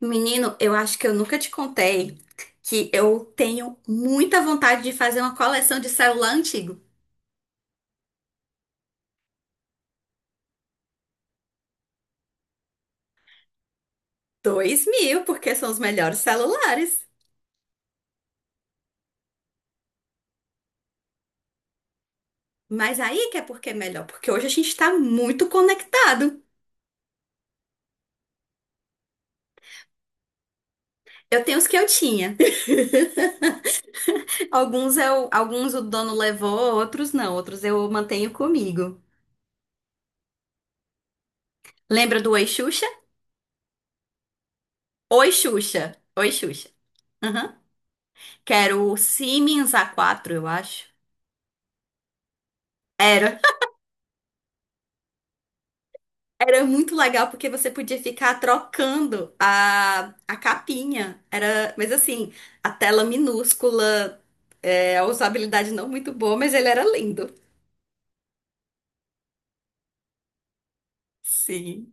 Menino, eu acho que eu nunca te contei que eu tenho muita vontade de fazer uma coleção de celular antigo. 2000, porque são os melhores celulares. Mas aí que é porque é melhor, porque hoje a gente tá muito conectado. Eu tenho os que eu tinha. Alguns o dono levou, outros não, outros eu mantenho comigo. Lembra do Oi Xuxa? Oi Xuxa. Oi Xuxa. Aham. Que era o Siemens A4, eu acho. Era. Era muito legal porque você podia ficar trocando a capinha. Era, mas assim, a tela minúscula, a usabilidade não muito boa, mas ele era lindo. Sim.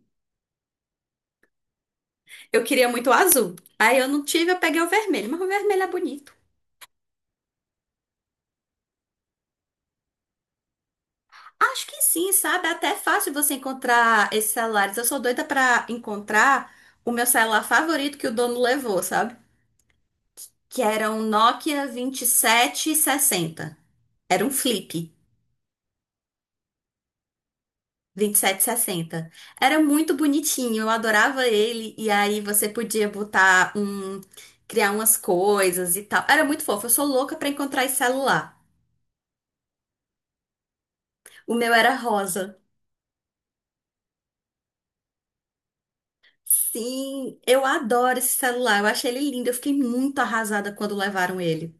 Eu queria muito o azul. Aí eu não tive, eu peguei o vermelho, mas o vermelho é bonito. Acho que sim, sabe? Até é fácil você encontrar esses celulares. Eu sou doida pra encontrar o meu celular favorito que o dono levou, sabe? Que era um Nokia 2760. Era um flip. 2760. Era muito bonitinho, eu adorava ele. E aí você podia criar umas coisas e tal. Era muito fofo, eu sou louca pra encontrar esse celular. O meu era rosa. Sim, eu adoro esse celular, eu achei ele lindo, eu fiquei muito arrasada quando levaram ele.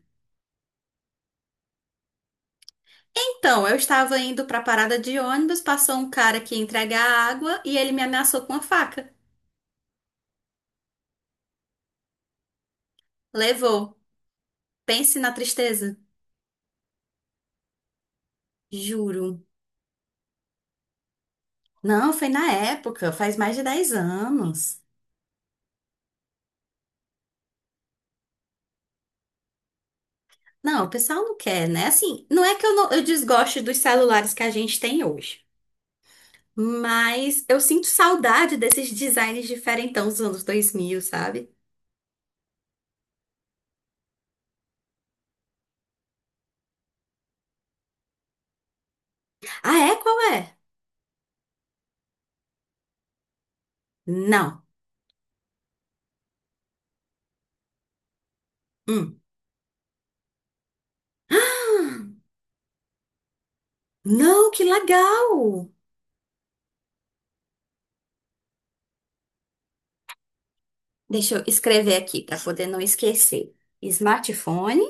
Então, eu estava indo pra parada de ônibus, passou um cara que ia entregar água e ele me ameaçou com uma faca. Levou. Pense na tristeza. Juro. Não, foi na época, faz mais de 10 anos. Não, o pessoal não quer, né? Assim, não é que eu, não- eu desgoste dos celulares que a gente tem hoje, mas eu sinto saudade desses designs diferentão dos anos 2000, sabe? Ah, é? Qual é? Não. Hum. Não, que legal! Deixa eu escrever aqui para poder não esquecer. Smartphone.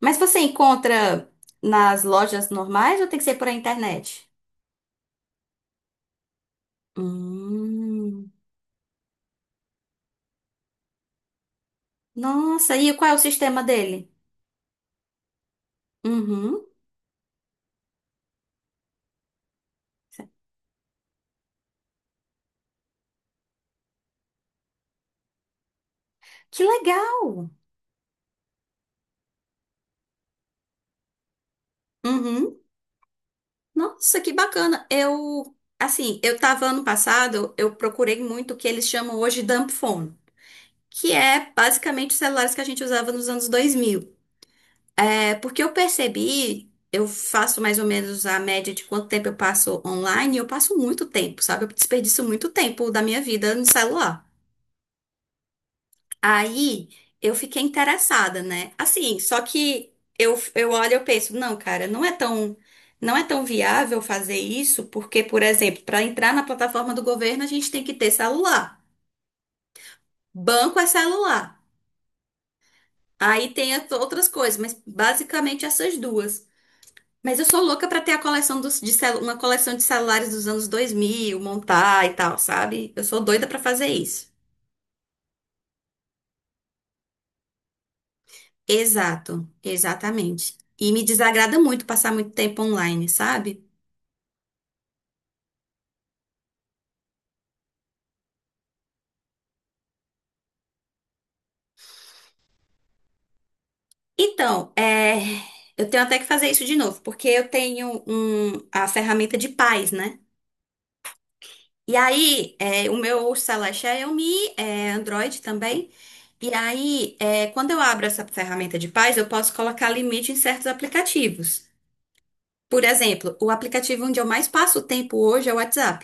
Mas você encontra nas lojas normais ou tem que ser por a internet? Hum. Nossa, e qual é o sistema dele? Uhum. Que legal! Uhum. Nossa, que bacana. Eu, assim, eu tava ano passado, eu procurei muito o que eles chamam hoje de dumb phone, que é basicamente os celulares que a gente usava nos anos 2000. É porque eu percebi, eu faço mais ou menos a média de quanto tempo eu passo online, e eu passo muito tempo, sabe? Eu desperdiço muito tempo da minha vida no celular. Aí eu fiquei interessada, né? Assim, só que eu olho e eu penso, não, cara, não é tão viável fazer isso, porque, por exemplo, para entrar na plataforma do governo, a gente tem que ter celular. Banco é celular. Aí tem as outras coisas, mas basicamente essas duas. Mas eu sou louca para ter a coleção dos, de celu- uma coleção de celulares dos anos 2000 montar e tal, sabe? Eu sou doida para fazer isso. Exato, exatamente. E me desagrada muito passar muito tempo online, sabe? Então, eu tenho até que fazer isso de novo, porque eu tenho a ferramenta de paz, né? E aí, o meu celular é Xiaomi, é Android também. E aí, quando eu abro essa ferramenta de paz, eu posso colocar limite em certos aplicativos. Por exemplo, o aplicativo onde eu mais passo tempo hoje é o WhatsApp.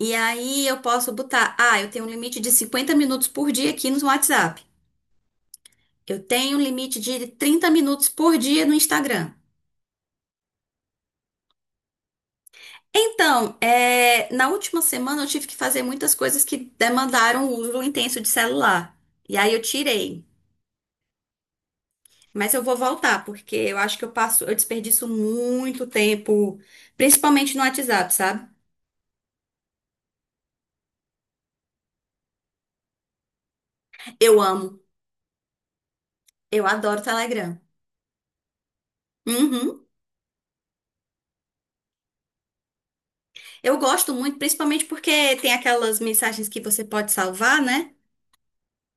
E aí eu posso botar, ah, eu tenho um limite de 50 minutos por dia aqui no WhatsApp. Eu tenho um limite de 30 minutos por dia no Instagram. Então, na última semana eu tive que fazer muitas coisas que demandaram o uso intenso de celular. E aí eu tirei. Mas eu vou voltar, porque eu acho que eu desperdiço muito tempo, principalmente no WhatsApp, sabe? Eu amo, eu adoro Telegram. Uhum. Eu gosto muito, principalmente porque tem aquelas mensagens que você pode salvar, né?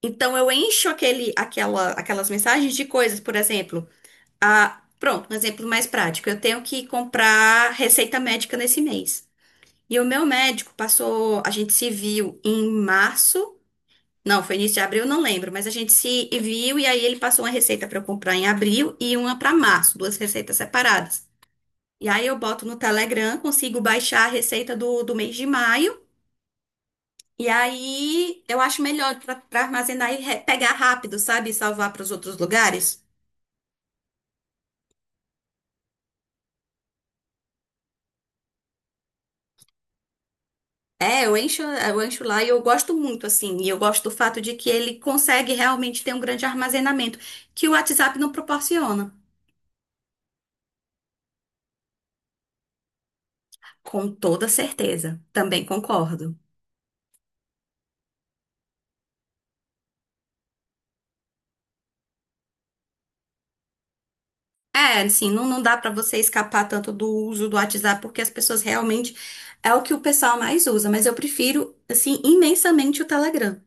Então eu encho aquelas mensagens de coisas, por exemplo. Ah, pronto, um exemplo mais prático. Eu tenho que comprar receita médica nesse mês. E o meu médico passou, a gente se viu em março, não, foi início de abril, não lembro, mas a gente se viu e aí ele passou uma receita para eu comprar em abril e uma para março, duas receitas separadas. E aí eu boto no Telegram, consigo baixar a receita do mês de maio. E aí eu acho melhor para armazenar e pegar rápido, sabe? E salvar para os outros lugares. É, eu encho lá e eu gosto muito, assim. E eu gosto do fato de que ele consegue realmente ter um grande armazenamento, que o WhatsApp não proporciona. Com toda certeza. Também concordo. É, assim, não, não dá pra você escapar tanto do uso do WhatsApp, porque as pessoas realmente é o que o pessoal mais usa, mas eu prefiro, assim, imensamente o Telegram.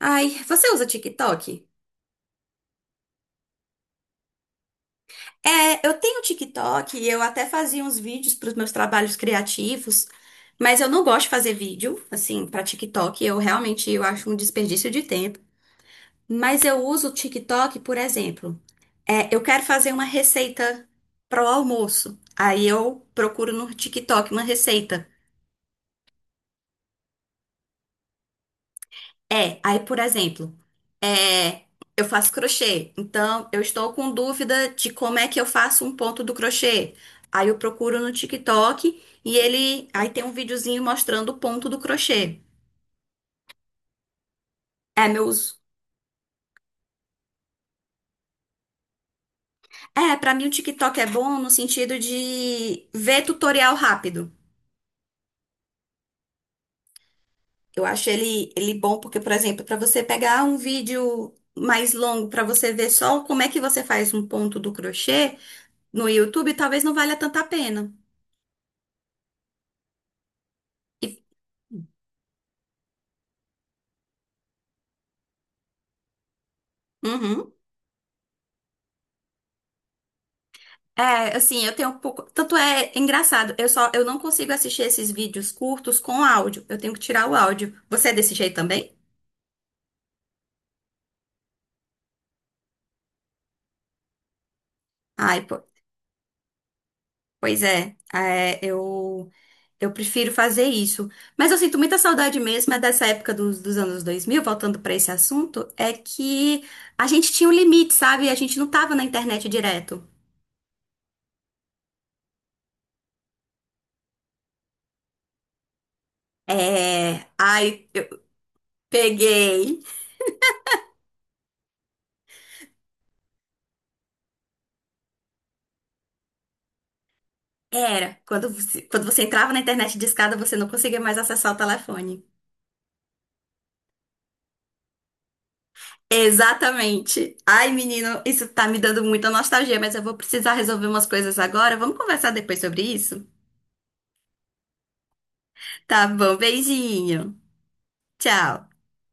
Ai, você usa TikTok? É, eu tenho um TikTok e eu até fazia uns vídeos para os meus trabalhos criativos, mas eu não gosto de fazer vídeo, assim, para TikTok. Eu acho um desperdício de tempo. Mas eu uso o TikTok, por exemplo. É, eu quero fazer uma receita para o almoço. Aí eu procuro no TikTok uma receita. É, aí, por exemplo, é, eu faço crochê, então eu estou com dúvida de como é que eu faço um ponto do crochê. Aí eu procuro no TikTok e ele, aí tem um videozinho mostrando o ponto do crochê. É meu uso. É, pra mim o TikTok é bom no sentido de ver tutorial rápido. Eu acho ele bom porque, por exemplo, pra você pegar um vídeo mais longo pra você ver só como é que você faz um ponto do crochê no YouTube, talvez não valha tanta a pena. E- Uhum. É, assim, eu tenho um pouco. Tanto é engraçado, eu não consigo assistir esses vídeos curtos com áudio. Eu tenho que tirar o áudio. Você é desse jeito também? Ai, pois é. É, eu prefiro fazer isso. Mas eu sinto muita saudade mesmo é dessa época dos anos 2000. Voltando para esse assunto, é que a gente tinha um limite, sabe? A gente não tava na internet direto. É, ai, eu peguei. Era, quando você entrava na internet discada, você não conseguia mais acessar o telefone. Exatamente. Ai, menino, isso tá me dando muita nostalgia, mas eu vou precisar resolver umas coisas agora. Vamos conversar depois sobre isso? Tá bom, beijinho. Tchau.